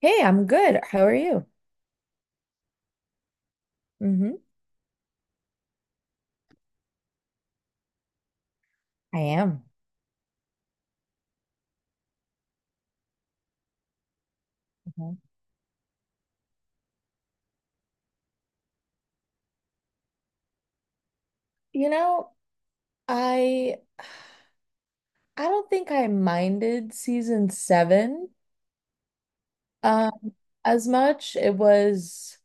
Hey, I'm good. How are you? Hmm. I am. Mhm. You know, I I don't think I minded season seven um as much.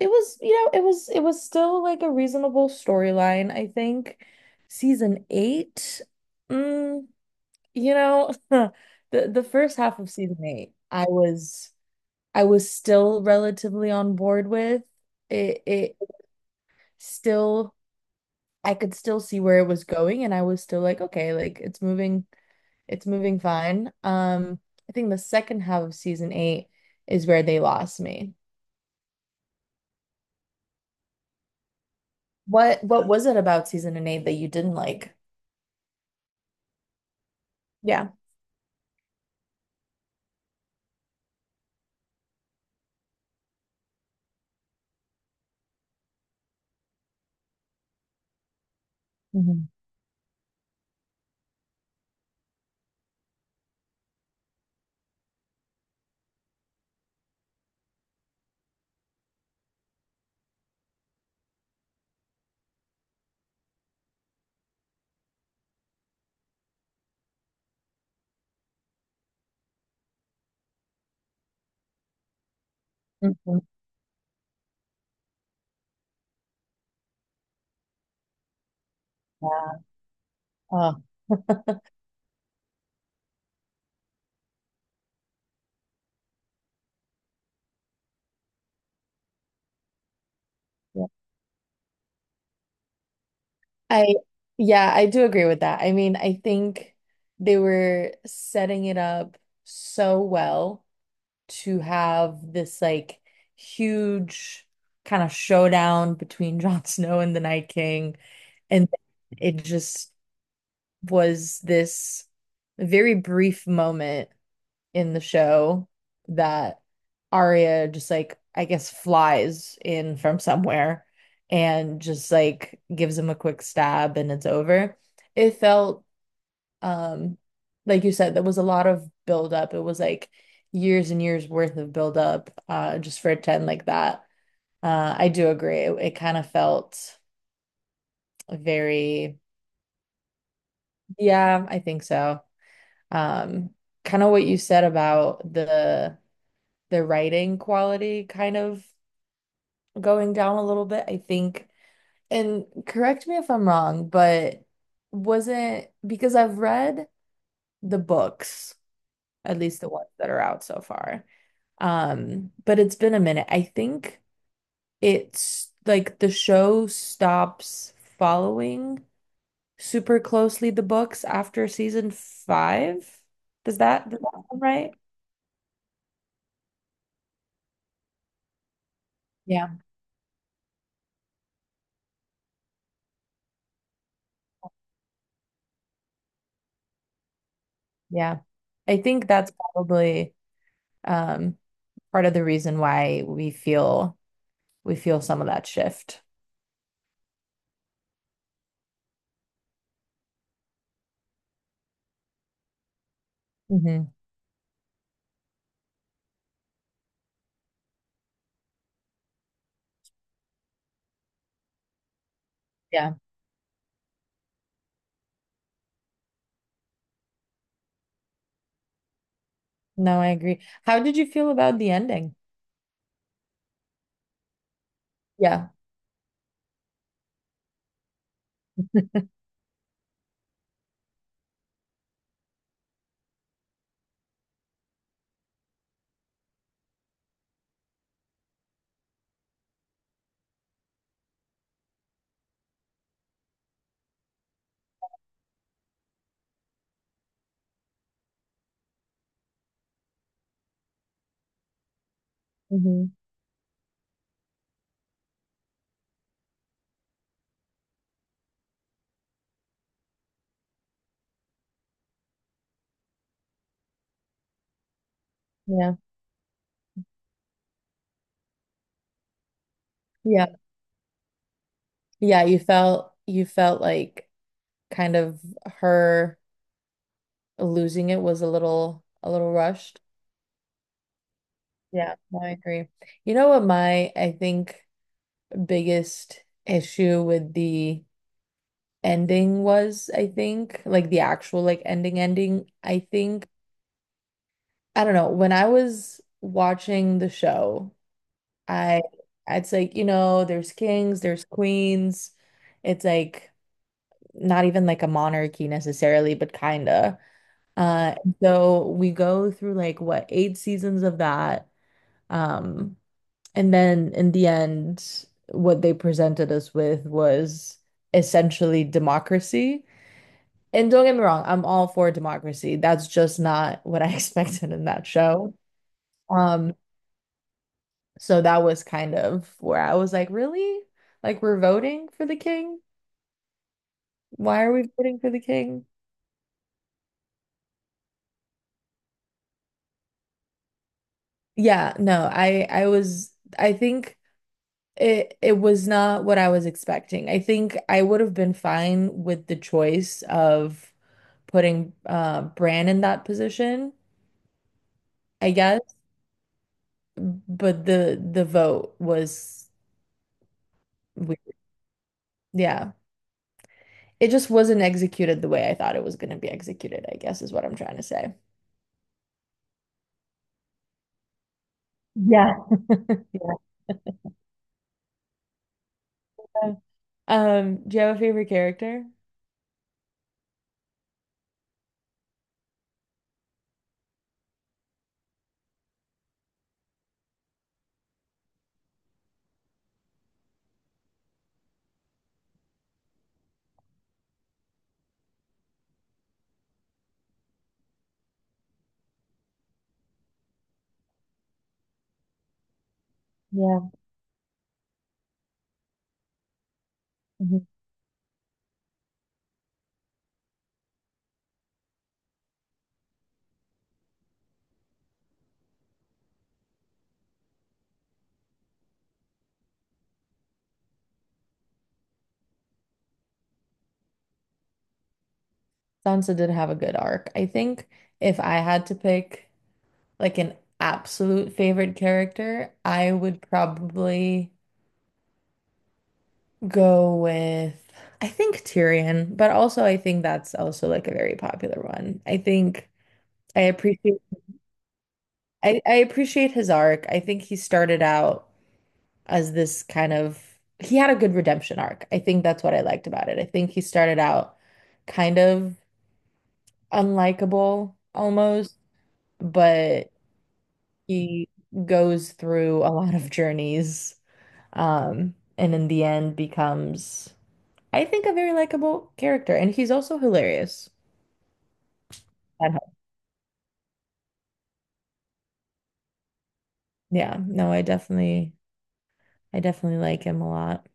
It was, you know, it was still like a reasonable storyline, I think. Season eight, mm, you know, the the first half of season eight, I was still relatively on board with. It still I could still see where it was going and I was still like, okay, like it's moving fine. I think the second half of season eight is where they lost me. What was it about season and eight that you didn't like? Yeah. Mhm. Mhm. Yeah. Oh. Yeah. I Yeah, I do agree with that. I mean, I think they were setting it up so well to have this like huge kind of showdown between Jon Snow and the Night King. And it just was this very brief moment in the show that Arya just like, I guess, flies in from somewhere and just like gives him a quick stab and it's over. It felt um like you said there was a lot of buildup. It was like years and years worth of buildup, just for a 10 like that. I do agree, it kind of felt very. Yeah, I think so. Um kind of what you said about the writing quality kind of going down a little bit, I think. And correct me if I'm wrong, but wasn't, because I've read the books, at least the ones that are out so far. But it's been a minute. I think it's like the show stops following super closely the books after season five. Does that sound right? Yeah, yeah. I think that's probably um part of the reason why we feel some of that shift. Hmm. Yeah. No, I agree. How did you feel about the ending? Yeah. Hmm. Yeah. Yeah. Yeah, you felt like kind of her losing it was a little rushed. Yeah, no, I agree. You know what my I think biggest issue with the ending was, I think, like the actual like ending ending, I think I don't know, when I was watching the show, I it's like, there's kings, there's queens. It's like not even like a monarchy necessarily, but kinda. And so we go through like what eight seasons of that. Um, and then in the end, what they presented us with was essentially democracy. And don't get me wrong, I'm all for democracy. That's just not what I expected in that show. Um, so that was kind of where I was like, really? Like we're voting for the king? Why are we voting for the king? Yeah, no, I think it was not what I was expecting. I think I would have been fine with the choice of putting Bran in that position, I guess, but the vote was weird. Yeah. It just wasn't executed the way I thought it was going to be executed, I guess is what I'm trying to say. Yeah. Yeah. Do you have a favorite character? Yeah. Mhm. Sansa did have a good arc. I think if I had to pick like an absolute favorite character, I would probably go with I think Tyrion, but also I think that's also like a very popular one. I think I appreciate I appreciate his arc. I think he started out as this kind of he had a good redemption arc. I think that's what I liked about it. I think he started out kind of unlikable almost, but he goes through a lot of journeys, and in the end becomes, I think, a very likable character. And he's also hilarious. That helps. Yeah, no, I definitely like him a lot.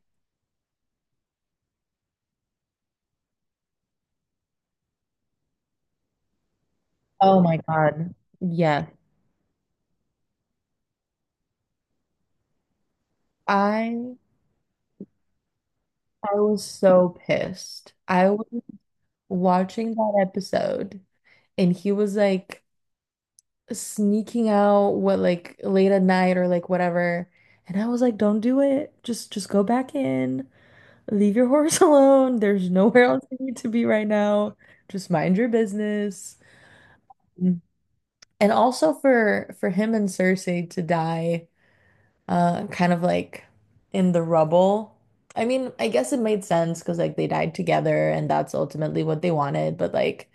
Oh my God. Yeah. I I was so pissed. I was watching that episode and he was like sneaking out what like late at night or like whatever. And I was like, don't do it. Just go back in. Leave your horse alone. There's nowhere else you need to be right now. Just mind your business. Mm. And also for him and Cersei to die, kind of like in the rubble. I mean, I guess it made sense because like they died together and that's ultimately what they wanted, but like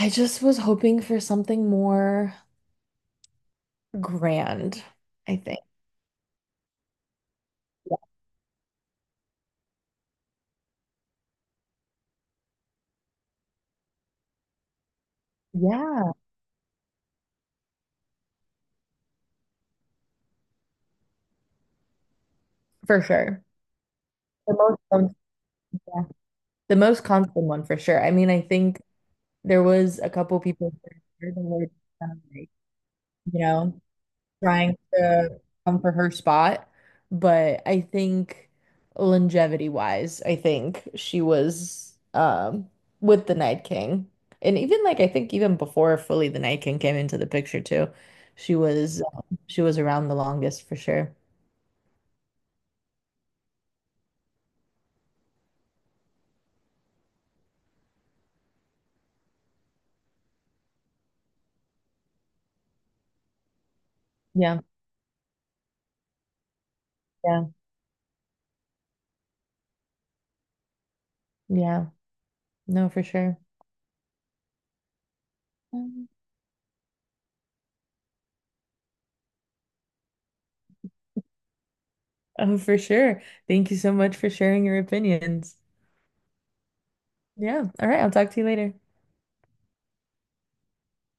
I just was hoping for something more grand, I think. Yeah, yeah, for sure. The most, yeah. The most constant one for sure. I mean, I think there was a couple people that were kind of like, you know, trying to come for her spot, but I think longevity wise, I think she was with the Night King. And even like I think even before fully the Night King came into the picture too, she was around the longest for sure. Yeah, yeah, yeah. No, for sure. Um, Oh, for sure. Thank you so much for sharing your opinions. Yeah. All right. I'll talk to you later.